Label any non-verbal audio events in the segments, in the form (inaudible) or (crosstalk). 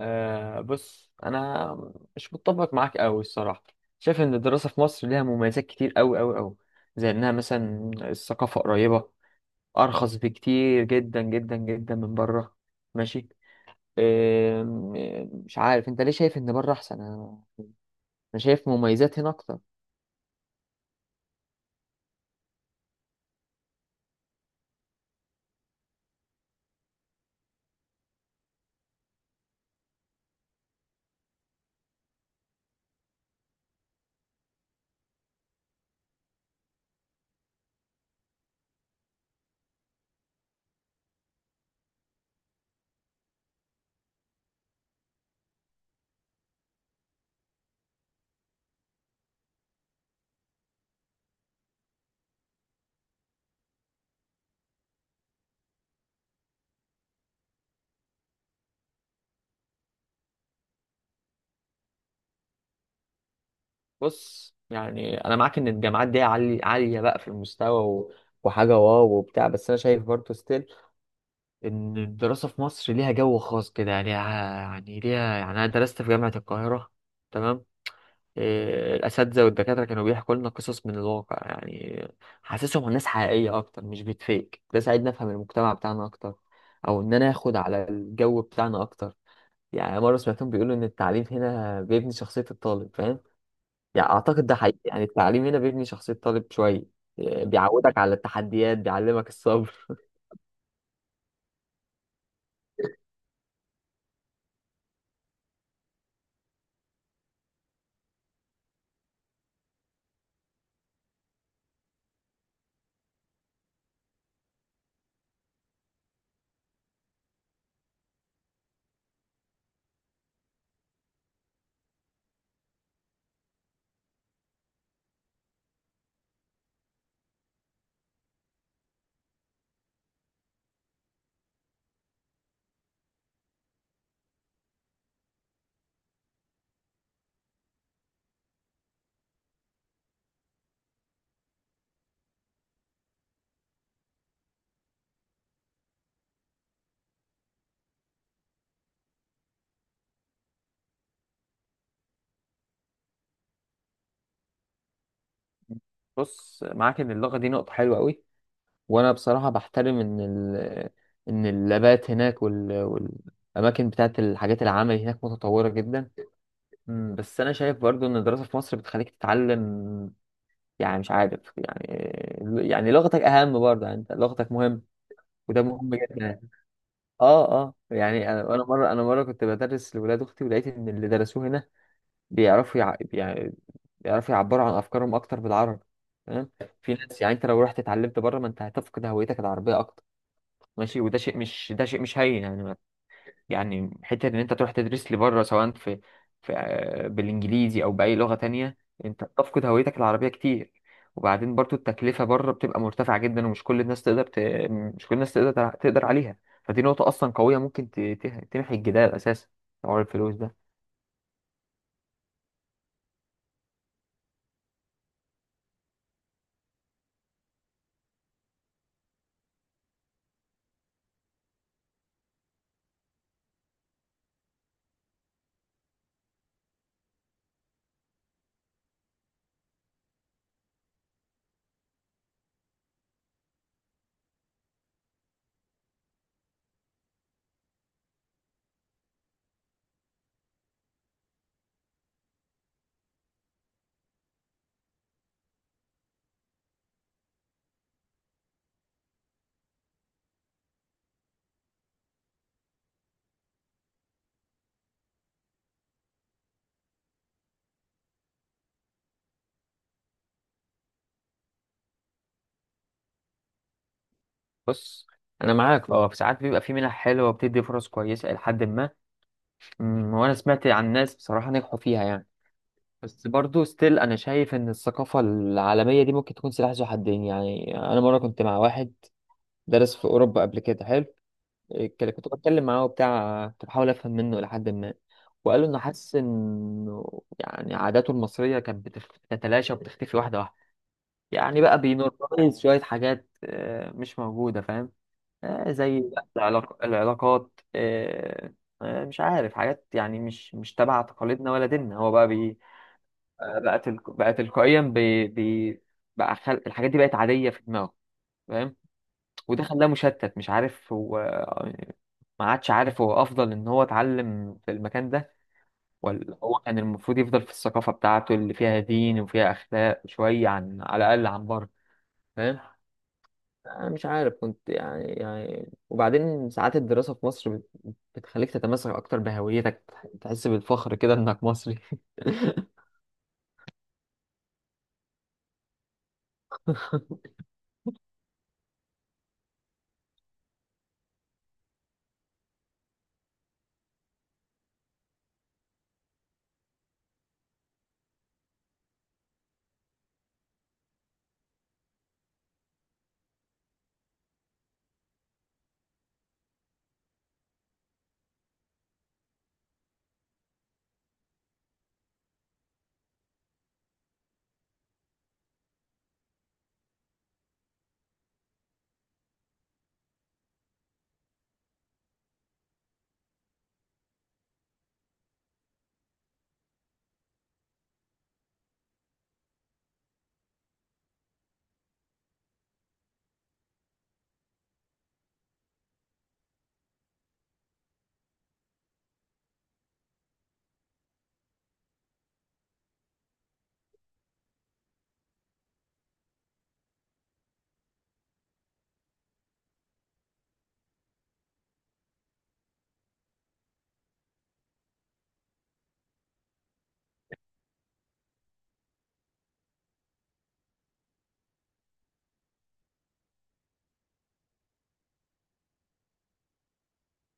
آه، بص انا مش متفق معاك قوي الصراحه. شايف ان الدراسه في مصر ليها مميزات كتير قوي قوي قوي، زي انها مثلا الثقافه قريبه، ارخص بكتير جدا جدا جدا من بره. ماشي. آم، آم، مش عارف انت ليه شايف ان بره احسن. انا شايف مميزات هنا اكتر. بص يعني انا معاك ان الجامعات دي عاليه بقى في المستوى وحاجه واو وبتاع، بس انا شايف برضه ستيل ان الدراسه في مصر ليها جو خاص كده، يعني ليها، يعني انا درست في جامعه القاهره. تمام. إيه، الاساتذه والدكاتره كانوا بيحكوا لنا قصص من الواقع، يعني حاسسهم عن ناس حقيقيه اكتر مش بتفيك. ده ساعدني افهم المجتمع بتاعنا اكتر، او ان انا اخد على الجو بتاعنا اكتر. يعني مره سمعتهم بيقولوا ان التعليم هنا بيبني شخصيه الطالب، فاهم؟ يعني اعتقد ده حقيقي، يعني التعليم هنا بيبني شخصيه الطالب شويه. إيه، بيعودك على التحديات، بيعلمك الصبر. (laughs) بص، معاك ان اللغه دي نقطه حلوه قوي، وانا بصراحه بحترم ان ان اللابات هناك والاماكن بتاعت الحاجات العمل هناك متطوره جدا. بس انا شايف برضو ان الدراسه في مصر بتخليك تتعلم، يعني مش عارف، يعني لغتك اهم برضه، يعني انت لغتك مهم. وده مهم جدا يعني. اه، اه، يعني انا مره كنت بدرس لولاد اختي، ولقيت ان اللي درسوه هنا بيعرفوا يع... يعني بيعرفوا يعبروا عن افكارهم اكتر بالعربي. تمام. في ناس، يعني انت لو رحت اتعلمت بره، ما انت هتفقد هويتك العربيه اكتر. ماشي، وده شيء مش ده شيء مش هين يعني. يعني حته ان انت تروح تدرس لي بره، سواء في بالانجليزي او باي لغه تانية، انت بتفقد هويتك العربيه كتير. وبعدين برضو التكلفه بره بتبقى مرتفعه جدا، ومش كل الناس تقدر تقدر عليها. فدي نقطه اصلا قويه ممكن تمحي الجدال اساسا، حوار الفلوس ده. بص انا معاك، اه، ساعات بيبقى في منح حلوه وبتدي فرص كويسه الى حد ما. وانا سمعت عن ناس بصراحه نجحوا فيها يعني. بس برضو ستيل انا شايف ان الثقافة العالمية دي ممكن تكون سلاح ذو حدين. يعني انا مرة كنت مع واحد درس في اوروبا قبل كده، حلو. كنت بتكلم معاه وبتاع، كنت بحاول افهم منه لحد ما، وقال له انه حاسس انه يعني عاداته المصرية كانت بتتلاشى وبتختفي واحدة واحدة. يعني بقى بينورماليز شوية حاجات مش موجودة، فاهم؟ زي بقى العلاقات، مش عارف، حاجات يعني مش تبع تقاليدنا ولا ديننا. هو بقى بقت تلك... بقى تلقائيا بي... بي... بقى خل... الحاجات دي بقت عادية في دماغه، فاهم؟ وده خلاه مشتت، مش عارف هو، يعني ما عادش عارف هو أفضل إن هو اتعلم في المكان ده، ولا هو كان المفروض يفضل في الثقافة بتاعته اللي فيها دين وفيها أخلاق شوية عن على الأقل عن بره، فاهم؟ أنا مش عارف، كنت يعني وبعدين ساعات الدراسة في مصر بتخليك تتمسك أكتر بهويتك، تحس بالفخر كده إنك مصري. (laughs)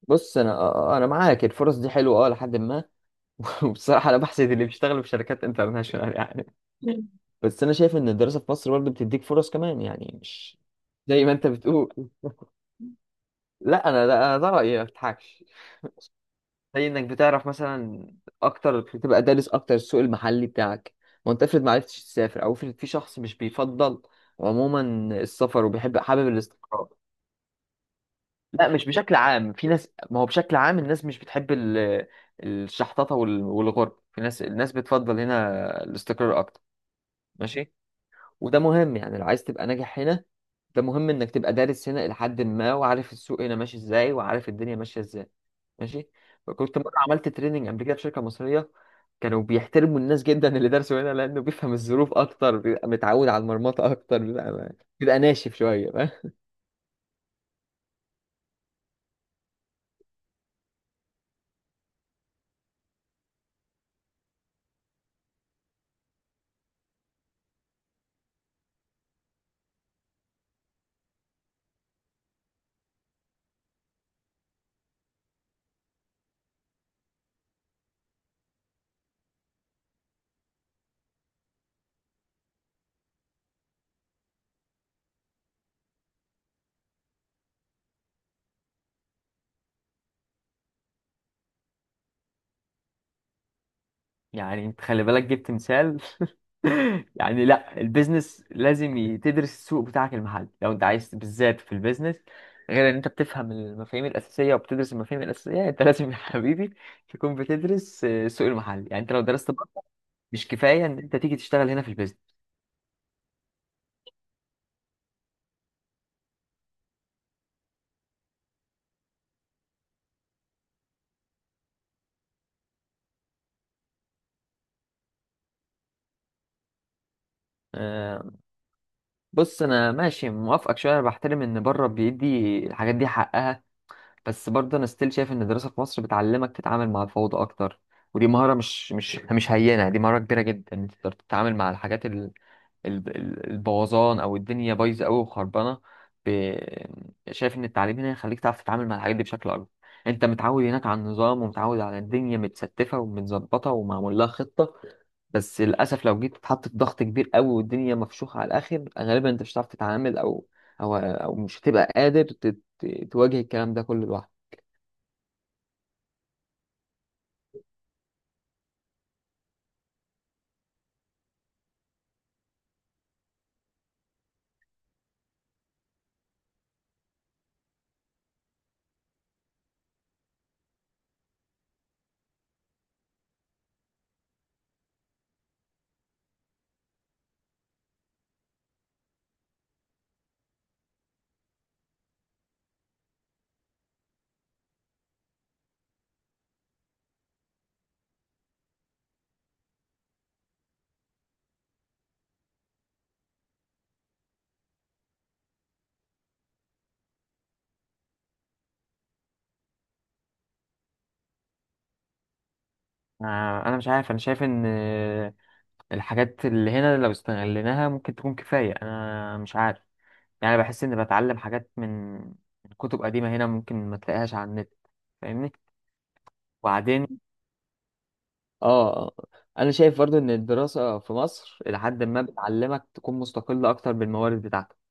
بص انا آه، آه، انا معاك، الفرص دي حلوه اه لحد ما. (laughs) وبصراحه انا بحسد اللي بيشتغلوا في شركات انترناشونال (laughs) يعني. بس انا شايف ان الدراسه في مصر برضه بتديك فرص كمان، يعني مش زي ما انت بتقول. لا انا ده رايي، ما بضحكش. زي انك بتعرف مثلا اكتر، بتبقى دارس اكتر السوق المحلي بتاعك، ما انت افرض ما عرفتش تسافر، او افرض في شخص مش بيفضل عموما السفر وبيحب حابب الاستقرار. لا، مش بشكل عام، في ناس، ما هو بشكل عام الناس مش بتحب الشحططة والغرب، في ناس الناس بتفضل هنا الاستقرار اكتر. ماشي. وده مهم يعني، لو عايز تبقى ناجح هنا، ده مهم انك تبقى دارس هنا الى حد ما، وعارف السوق هنا ماشي ازاي، وعارف الدنيا ماشية ازاي. ماشي. كنت مرة عملت تريننج قبل كده في شركة مصرية، كانوا بيحترموا الناس جدا اللي درسوا هنا، لانه بيفهم الظروف اكتر، بيبقى متعود على المرمطة اكتر، بيبقى ناشف شوية. يعني انت خلي بالك، جبت مثال. (laughs) يعني لا، البيزنس لازم تدرس السوق بتاعك المحل، لو انت عايز بالذات في البيزنس، غير ان انت بتفهم المفاهيم الاساسيه وبتدرس المفاهيم الاساسيه، انت (laughs) لازم يا حبيبي تكون بتدرس السوق المحلي. يعني انت لو درست بره، مش كفايه ان انت تيجي تشتغل هنا في البيزنس. آه، بص انا ماشي موافقك شويه، انا بحترم ان بره بيدي الحاجات دي حقها، بس برضه انا ستيل شايف ان الدراسه في مصر بتعلمك تتعامل مع الفوضى اكتر، ودي مهاره مش هينه، دي مهاره كبيره جدا ان انت تقدر تتعامل مع الحاجات البوظان، او الدنيا بايظه قوي وخربانه. ب... شايف ان التعليم هنا يخليك تعرف تتعامل مع الحاجات دي بشكل اكبر. انت متعود هناك على النظام ومتعود على الدنيا متستفه ومتظبطه ومعمول لها خطه، بس للاسف لو جيت تتحط في ضغط كبير قوي والدنيا مفشوخه على الاخر، غالبا انت مش هتعرف تتعامل، او مش هتبقى قادر تواجه الكلام ده كله لوحدك. انا مش عارف، انا شايف ان الحاجات اللي هنا لو استغليناها ممكن تكون كفاية. انا مش عارف، يعني بحس اني بتعلم حاجات من كتب قديمة هنا، ممكن ما تلاقيهاش على النت، فاهمني. وبعدين اه آه، انا شايف برضو ان الدراسة في مصر الى حد ما بتعلمك تكون مستقلة اكتر بالموارد بتاعتك.